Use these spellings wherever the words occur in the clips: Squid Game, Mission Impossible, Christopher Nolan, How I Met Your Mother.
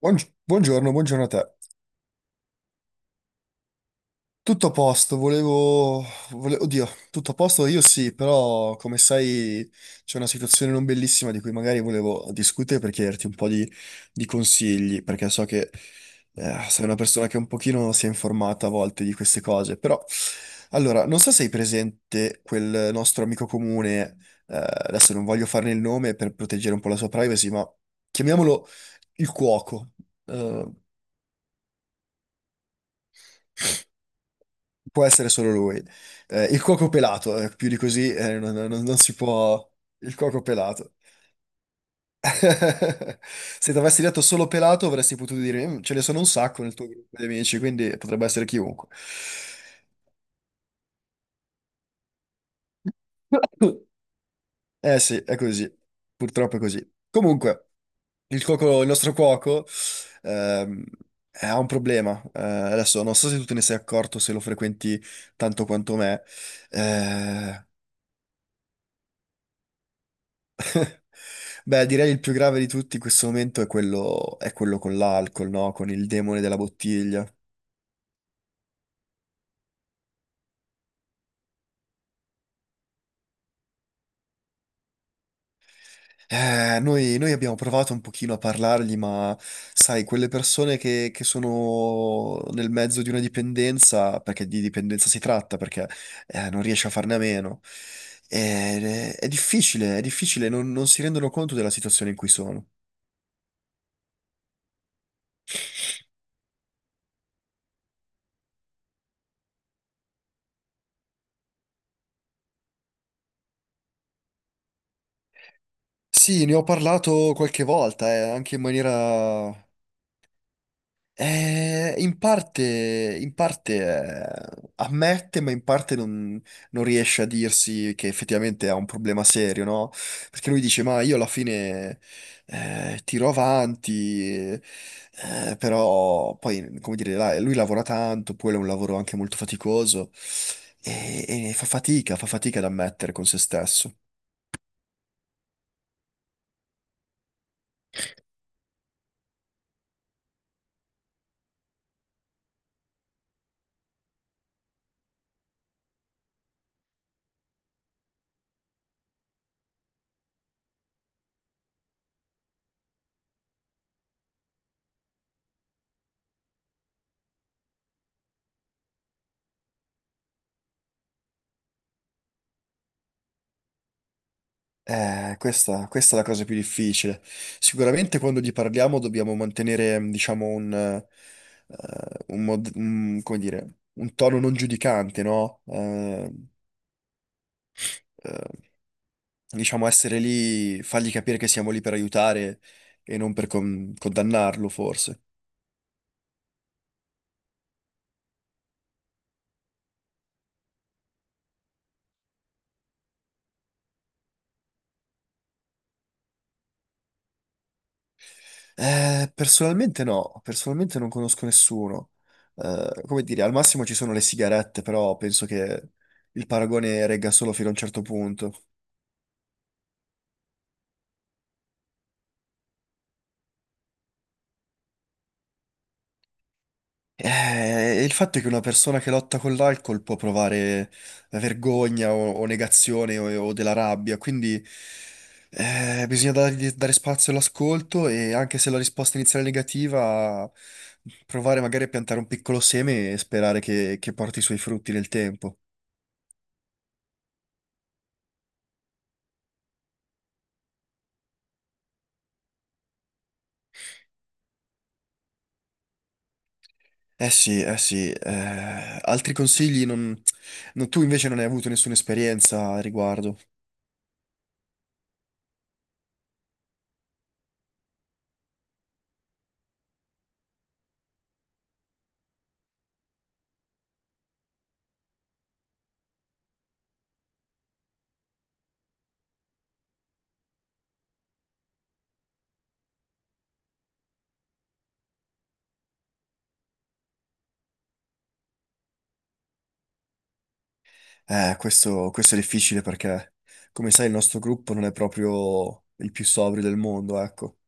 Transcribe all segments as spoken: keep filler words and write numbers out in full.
Buong- Buongiorno, buongiorno a te. Tutto a posto, volevo... vole- Oddio, tutto a posto io sì, però come sai c'è una situazione non bellissima di cui magari volevo discutere per chiederti un po' di, di consigli, perché so che eh, sei una persona che un pochino si è informata a volte di queste cose, però... Allora, non so se hai presente quel nostro amico comune. Eh, adesso non voglio farne il nome per proteggere un po' la sua privacy, ma chiamiamolo il cuoco. Eh, Può essere solo lui. Eh, il cuoco pelato, eh, più di così eh, non, non- non si può... Il cuoco pelato. Se ti avessi detto solo pelato avresti potuto dire, "Mm, ce ne sono un sacco nel tuo gruppo di amici, quindi potrebbe essere chiunque." Eh sì, è così. Purtroppo è così. Comunque, il cuoco- il nostro cuoco ehm, eh, ha un problema. Eh, adesso non so se tu te ne sei accorto, se lo frequenti tanto quanto me. Eh, Beh, direi il più grave di tutti in questo momento è quello, è quello con l'alcol, no? Con il demone della bottiglia. Eh, noi, noi abbiamo provato un pochino a parlargli, ma sai, quelle persone che, che sono nel mezzo di una dipendenza, perché di dipendenza si tratta, perché eh, non riesce a farne a meno. Eh, è difficile, è difficile, non non si rendono conto della situazione in cui sono. Sì, ne ho parlato qualche volta, eh, anche in maniera... Eh, in parte, in parte eh, ammette, ma in parte non, non riesce a dirsi che effettivamente ha un problema serio, no? Perché lui dice: "Ma io alla fine eh, tiro avanti", eh, però poi, come dire, la- lui lavora tanto, poi è un lavoro anche molto faticoso e, e fa fatica, fa fatica ad ammettere con se stesso. Eh, questa, questa è la cosa più difficile. Sicuramente quando gli parliamo dobbiamo mantenere, mm, diciamo, un, eh, un mod- un- come dire, un tono non giudicante, no? Eh, eh, diciamo, essere lì, fargli capire che siamo lì per aiutare e non per con- condannarlo, forse. Eh, personalmente no, personalmente non conosco nessuno. Eh, come dire, al massimo ci sono le sigarette, però penso che il paragone regga solo fino a un certo punto. Eh, il fatto è che una persona che lotta con l'alcol può provare vergogna o, o negazione o, o della rabbia, quindi eh, bisogna dargli- dare spazio all'ascolto e anche se la risposta iniziale è negativa, provare magari a piantare un piccolo seme e sperare che, che porti i suoi frutti nel tempo. Eh sì, eh sì, eh, altri consigli non... non- Tu invece non hai avuto nessuna esperienza a riguardo. Eh, questo, questo è difficile perché, come sai, il nostro gruppo non è proprio il più sobrio del mondo, ecco.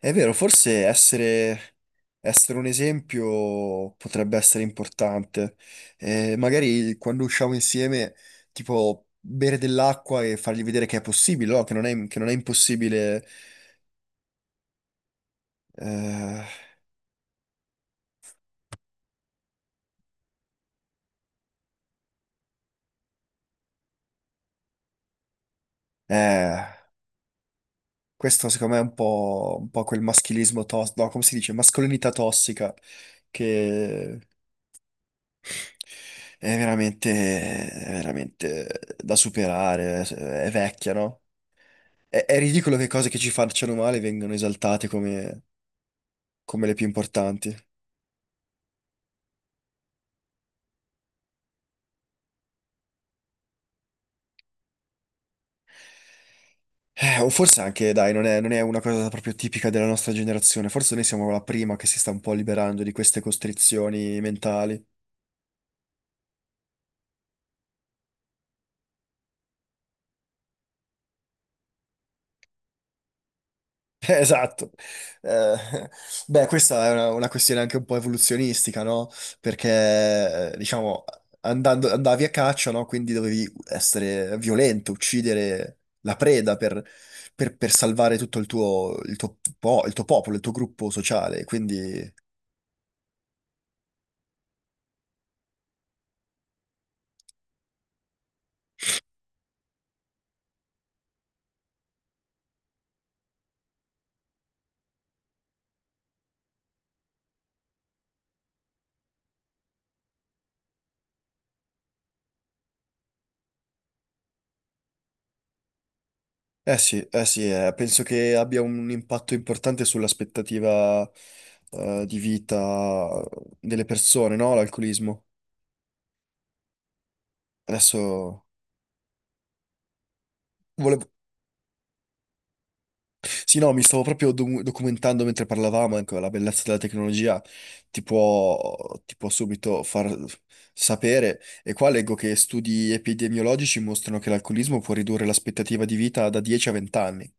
È vero, forse essere, essere un esempio potrebbe essere importante. Eh, magari quando usciamo insieme, tipo, bere dell'acqua e fargli vedere che è possibile, no? Che non è, che non è impossibile. Eh, eh, Questo secondo me è un po', un po' quel maschilismo tossico, no, come si dice? Mascolinità tossica che... È veramente, è veramente da superare, è vecchia, no? È, è ridicolo che cose che ci facciano male vengano esaltate come, come le più importanti. Eh, o forse anche, dai, non è, non è una cosa proprio tipica della nostra generazione, forse noi siamo la prima che si sta un po' liberando di queste costrizioni mentali. Esatto. Eh, beh, questa è una, una questione anche un po' evoluzionistica, no? Perché, eh, diciamo, andando- andavi a caccia, no? Quindi dovevi essere violento, uccidere la preda per, per- per salvare tutto il tuo, il tuo po- il tuo popolo, il tuo gruppo sociale. Quindi, eh sì, eh sì, eh, penso che abbia un impatto importante sull'aspettativa, eh, di vita delle persone, no? L'alcolismo. Adesso volevo... Sì, no, mi stavo proprio do- documentando mentre parlavamo, ecco, la bellezza della tecnologia ti può, ti può subito far sapere. E qua leggo che studi epidemiologici mostrano che l'alcolismo può ridurre l'aspettativa di vita da dieci a venti anni.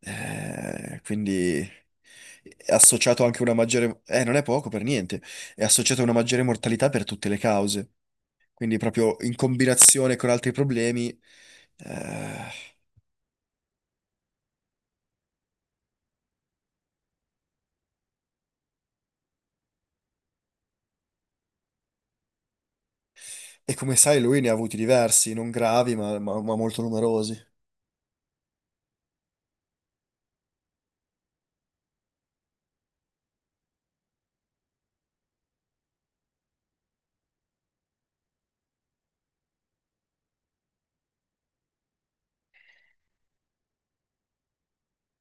Eh, quindi è associato anche a una maggiore... Eh, non è poco per niente, è associato a una maggiore mortalità per tutte le cause. Quindi proprio in combinazione con altri problemi... eh, E come sai, lui ne ha avuti diversi, non gravi, ma, ma- ma molto numerosi.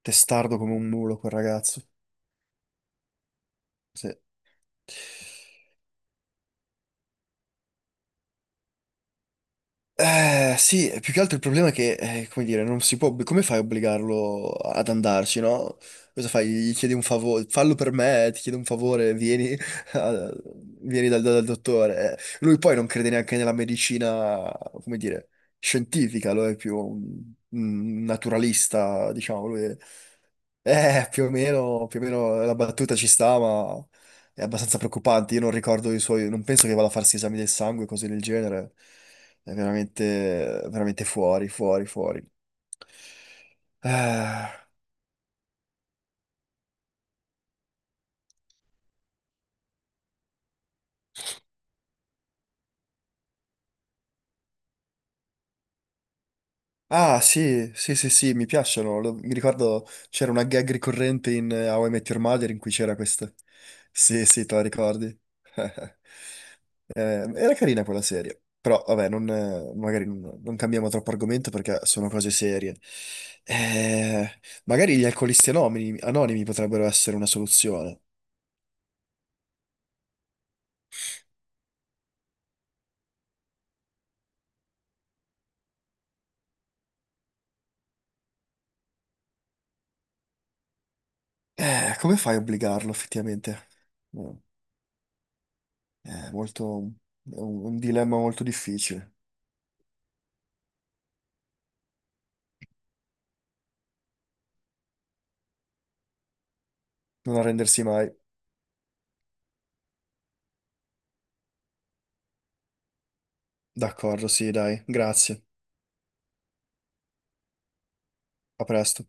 Testardo come un mulo, quel ragazzo. Sì. Eh, sì, più che altro il problema è che, eh, come dire, non si può... ob- Come fai a obbligarlo ad andarci, no? Cosa fai? Gli chiedi un favore, fallo per me, eh, ti chiedo un favore, vieni, a- vieni dal, dal dottore. Eh, Lui poi non crede neanche nella medicina, come dire, scientifica, lo è più un, un naturalista, diciamo, lui è... Eh, più o meno, più o meno la battuta ci sta, ma è abbastanza preoccupante. Io non ricordo i suoi, non penso che vada a farsi esami del sangue, cose del genere. È veramente, veramente fuori, fuori, fuori. Eh, Ah, sì, sì, sì, sì, mi piacciono. Lo- mi ricordo c'era una gag ricorrente in eh, How I Met Your Mother in cui c'era questo. Sì, sì, te la ricordi. Eh, era carina quella serie, però vabbè, non, eh, magari non, non cambiamo troppo argomento perché sono cose serie. Eh, magari gli alcolisti anonimi, anonimi potrebbero essere una soluzione. Eh, come fai a obbligarlo effettivamente? No, è molto, è un un dilemma molto difficile, non arrendersi mai. D'accordo, sì, dai, grazie. A presto.